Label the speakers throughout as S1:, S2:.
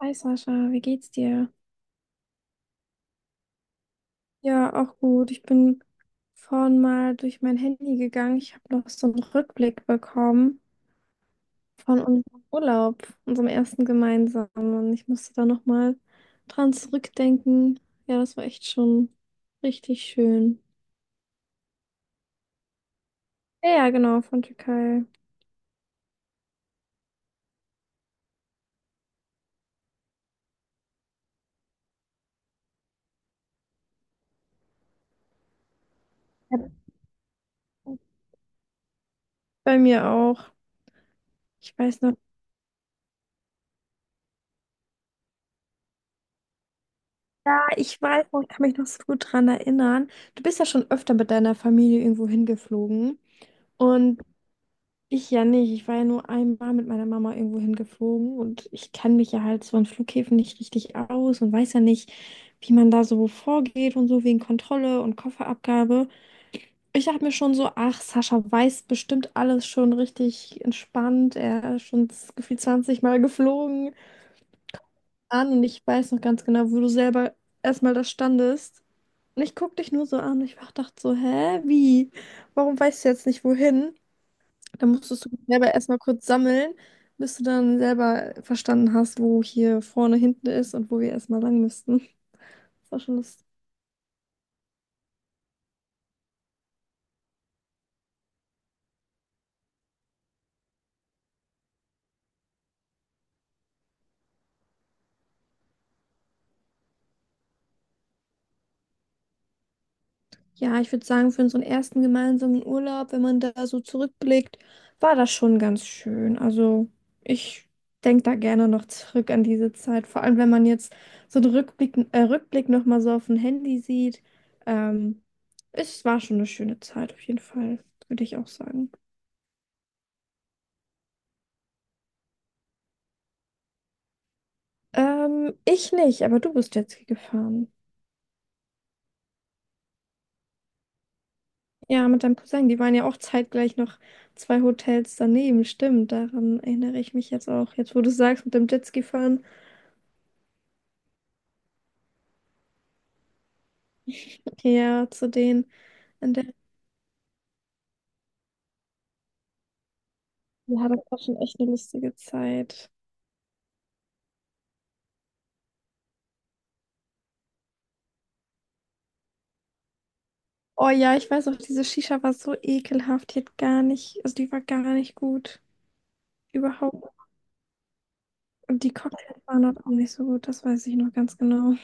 S1: Hi Sascha, wie geht's dir? Ja, auch gut. Ich bin vorhin mal durch mein Handy gegangen. Ich habe noch so einen Rückblick bekommen von unserem Urlaub, unserem ersten gemeinsamen. Und ich musste da nochmal dran zurückdenken. Ja, das war echt schon richtig schön. Ja, ja, genau, von Türkei. Ja, bei mir auch. Ich weiß noch. Ja, ich weiß noch, ich kann mich noch so gut dran erinnern. Du bist ja schon öfter mit deiner Familie irgendwo hingeflogen. Und ich ja nicht. Ich war ja nur einmal mit meiner Mama irgendwo hingeflogen und ich kann mich ja halt so an Flughäfen nicht richtig aus und weiß ja nicht, wie man da so vorgeht und so wegen Kontrolle und Kofferabgabe. Ich dachte mir schon so, ach, Sascha weiß bestimmt alles schon richtig entspannt. Er ist schon gefühlt 20 Mal geflogen an und ich weiß noch ganz genau, wo du selber erstmal da standest. Und ich guck dich nur so an und ich dachte so, hä, wie? Warum weißt du jetzt nicht wohin? Da musstest du selber erstmal kurz sammeln, bis du dann selber verstanden hast, wo hier vorne, hinten ist und wo wir erstmal lang müssten. Das war schon lustig. Ja, ich würde sagen, für unseren ersten gemeinsamen Urlaub, wenn man da so zurückblickt, war das schon ganz schön. Also ich denke da gerne noch zurück an diese Zeit. Vor allem, wenn man jetzt so einen Rückblick nochmal so auf dem Handy sieht. Ähm, Es war schon eine schöne Zeit, auf jeden Fall, würde ich auch sagen. Ich nicht, aber du bist Jetski gefahren. Ja, mit deinem Cousin, die waren ja auch zeitgleich noch zwei Hotels daneben, stimmt. Daran erinnere ich mich jetzt auch. Jetzt, wo du sagst, mit dem Jetski fahren. Okay, ja, zu denen. In der Ja, das war schon echt eine lustige Zeit. Oh ja, ich weiß auch, diese Shisha war so ekelhaft. Die hat gar nicht, also die war gar nicht gut. Überhaupt. Und die Cocktails waren halt auch nicht so gut, das weiß ich noch ganz genau.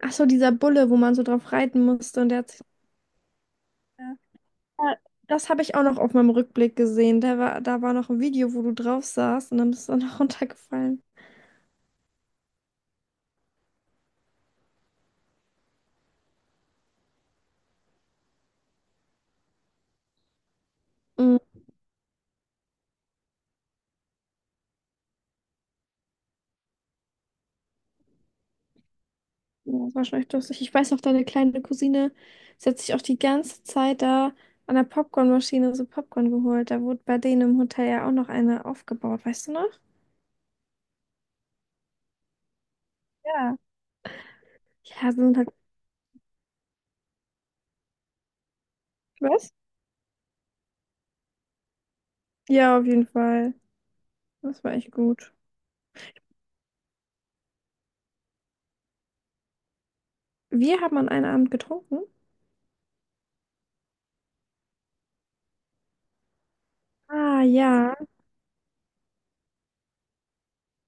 S1: Ach so, dieser Bulle, wo man so drauf reiten musste und der hat sich. Ja, das habe ich auch noch auf meinem Rückblick gesehen. Da war noch ein Video, wo du drauf saßt und dann bist du dann noch runtergefallen. Mhm. Ja, das war schon echt lustig. Ich weiß noch, deine kleine Cousine, sie hat sich auch die ganze Zeit da an der Popcornmaschine so Popcorn geholt. Da wurde bei denen im Hotel ja auch noch eine aufgebaut, weißt du noch? Ja. Ja, sie sind halt. Was? Ja, auf jeden Fall. Das war echt gut. Wir haben an einem Abend getrunken. Ah, ja.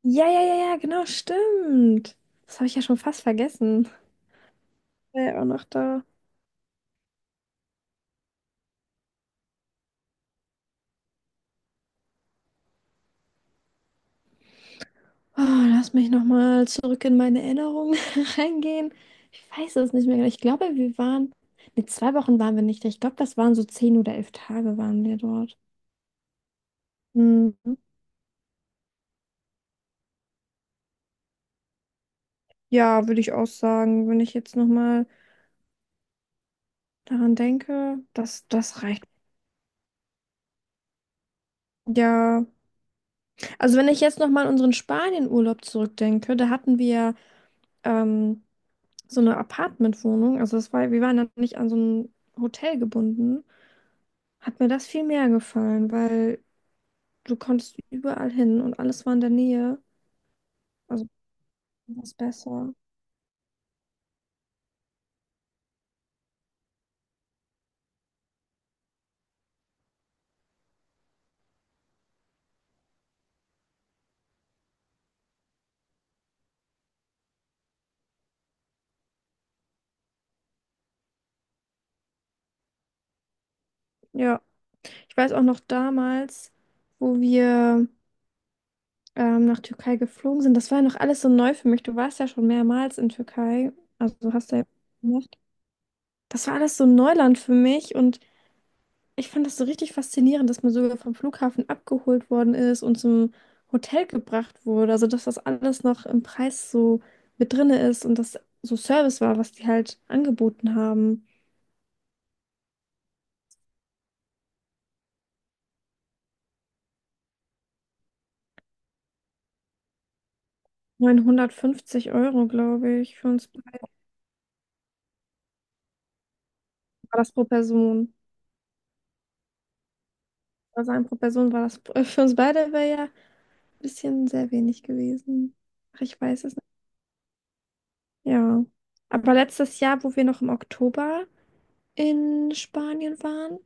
S1: Ja, ja, ja, ja, genau, stimmt. Das habe ich ja schon fast vergessen. War ja auch noch da. Oh, lass mich nochmal zurück in meine Erinnerungen reingehen. Ich weiß es nicht mehr genau. Ich glaube, wir waren. Ne, 2 Wochen waren wir nicht da. Ich glaube, das waren so 10 oder 11 Tage waren wir dort. Hm. Ja, würde ich auch sagen, wenn ich jetzt nochmal daran denke, das reicht. Ja, also wenn ich jetzt nochmal an unseren Spanien-Urlaub zurückdenke, da hatten wir ähm, so eine Apartmentwohnung, also das war, wir waren dann nicht an so ein Hotel gebunden, hat mir das viel mehr gefallen, weil du konntest überall hin und alles war in der Nähe. Also was besser. Ja, ich weiß auch noch damals, wo wir nach Türkei geflogen sind. Das war ja noch alles so neu für mich. Du warst ja schon mehrmals in Türkei. Also du hast ja gemacht. Das war alles so Neuland für mich und ich fand das so richtig faszinierend, dass man sogar vom Flughafen abgeholt worden ist und zum Hotel gebracht wurde. Also dass das alles noch im Preis so mit drinne ist und das so Service war, was die halt angeboten haben. 950 Euro, glaube ich, für uns beide war das pro Person. Also ein pro Person war das, für uns beide wäre ja ein bisschen sehr wenig gewesen. Ach, ich weiß es nicht. Ja. Aber letztes Jahr, wo wir noch im Oktober in Spanien waren,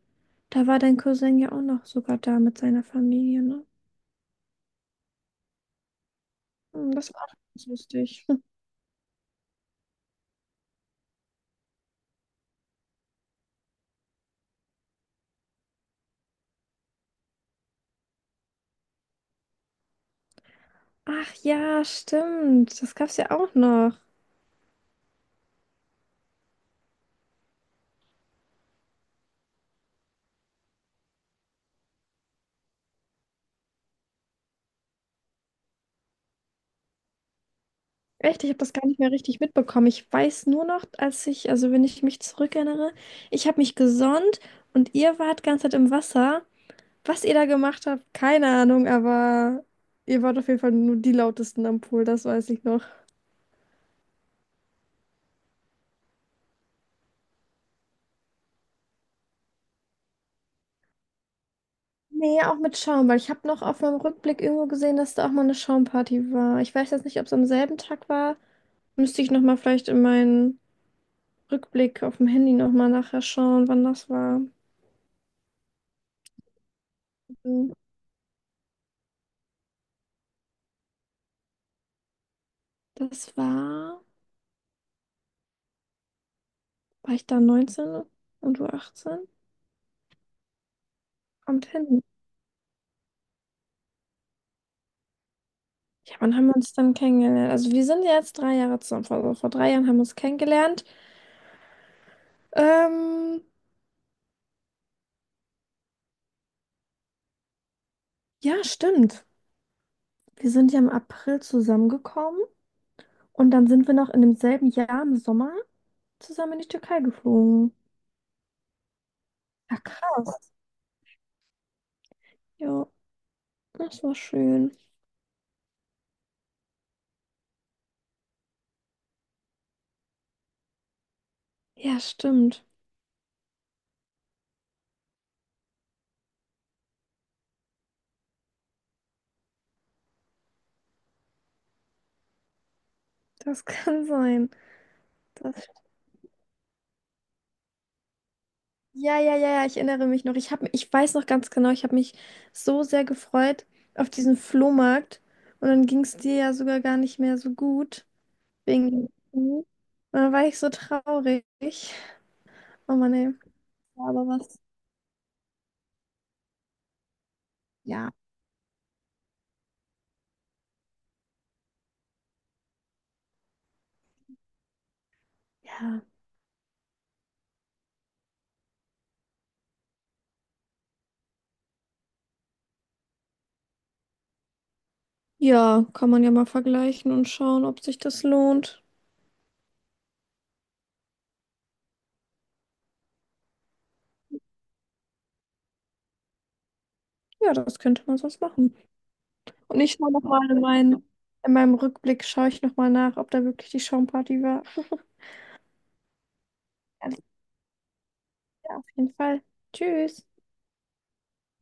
S1: da war dein Cousin ja auch noch sogar da mit seiner Familie, ne? Hm, das war auch ganz lustig. Ach ja, stimmt. Das gab's ja auch noch. Echt, ich habe das gar nicht mehr richtig mitbekommen. Ich weiß nur noch, als ich, also wenn ich mich zurückerinnere, ich habe mich gesonnt und ihr wart ganze Zeit im Wasser. Was ihr da gemacht habt, keine Ahnung, aber ihr wart auf jeden Fall nur die lautesten am Pool, das weiß ich noch. Nee, auch mit Schaum, weil ich habe noch auf meinem Rückblick irgendwo gesehen, dass da auch mal eine Schaumparty war. Ich weiß jetzt nicht, ob es am selben Tag war. Müsste ich nochmal vielleicht in meinen Rückblick auf dem Handy nochmal nachher schauen, wann das war. Das war. War ich da 19 und du 18. Am 10. Ja, wann haben wir uns dann kennengelernt? Also wir sind ja jetzt 3 Jahre zusammen. Vor 3 Jahren haben wir uns kennengelernt. Ähm, ja, stimmt. Wir sind ja im April zusammengekommen und dann sind wir noch in demselben Jahr im Sommer zusammen in die Türkei geflogen. Ja, krass. Ja, das war schön. Ja, stimmt. Das kann sein. Das Ja, ja, ja, ja, ich erinnere mich noch. Ich weiß noch ganz genau, ich habe mich so sehr gefreut auf diesen Flohmarkt. Und dann ging es dir ja sogar gar nicht mehr so gut wegen dem Knie. Und dann war ich so traurig. Oh Mann, ey. Ja, aber was? Ja. Ja. Ja, kann man ja mal vergleichen und schauen, ob sich das lohnt. Ja, das könnte man sonst machen. Und ich schaue nochmal in meinen, in meinem Rückblick, schaue ich nochmal nach, ob da wirklich die Schaumparty war. Ja, auf jeden Fall. Tschüss.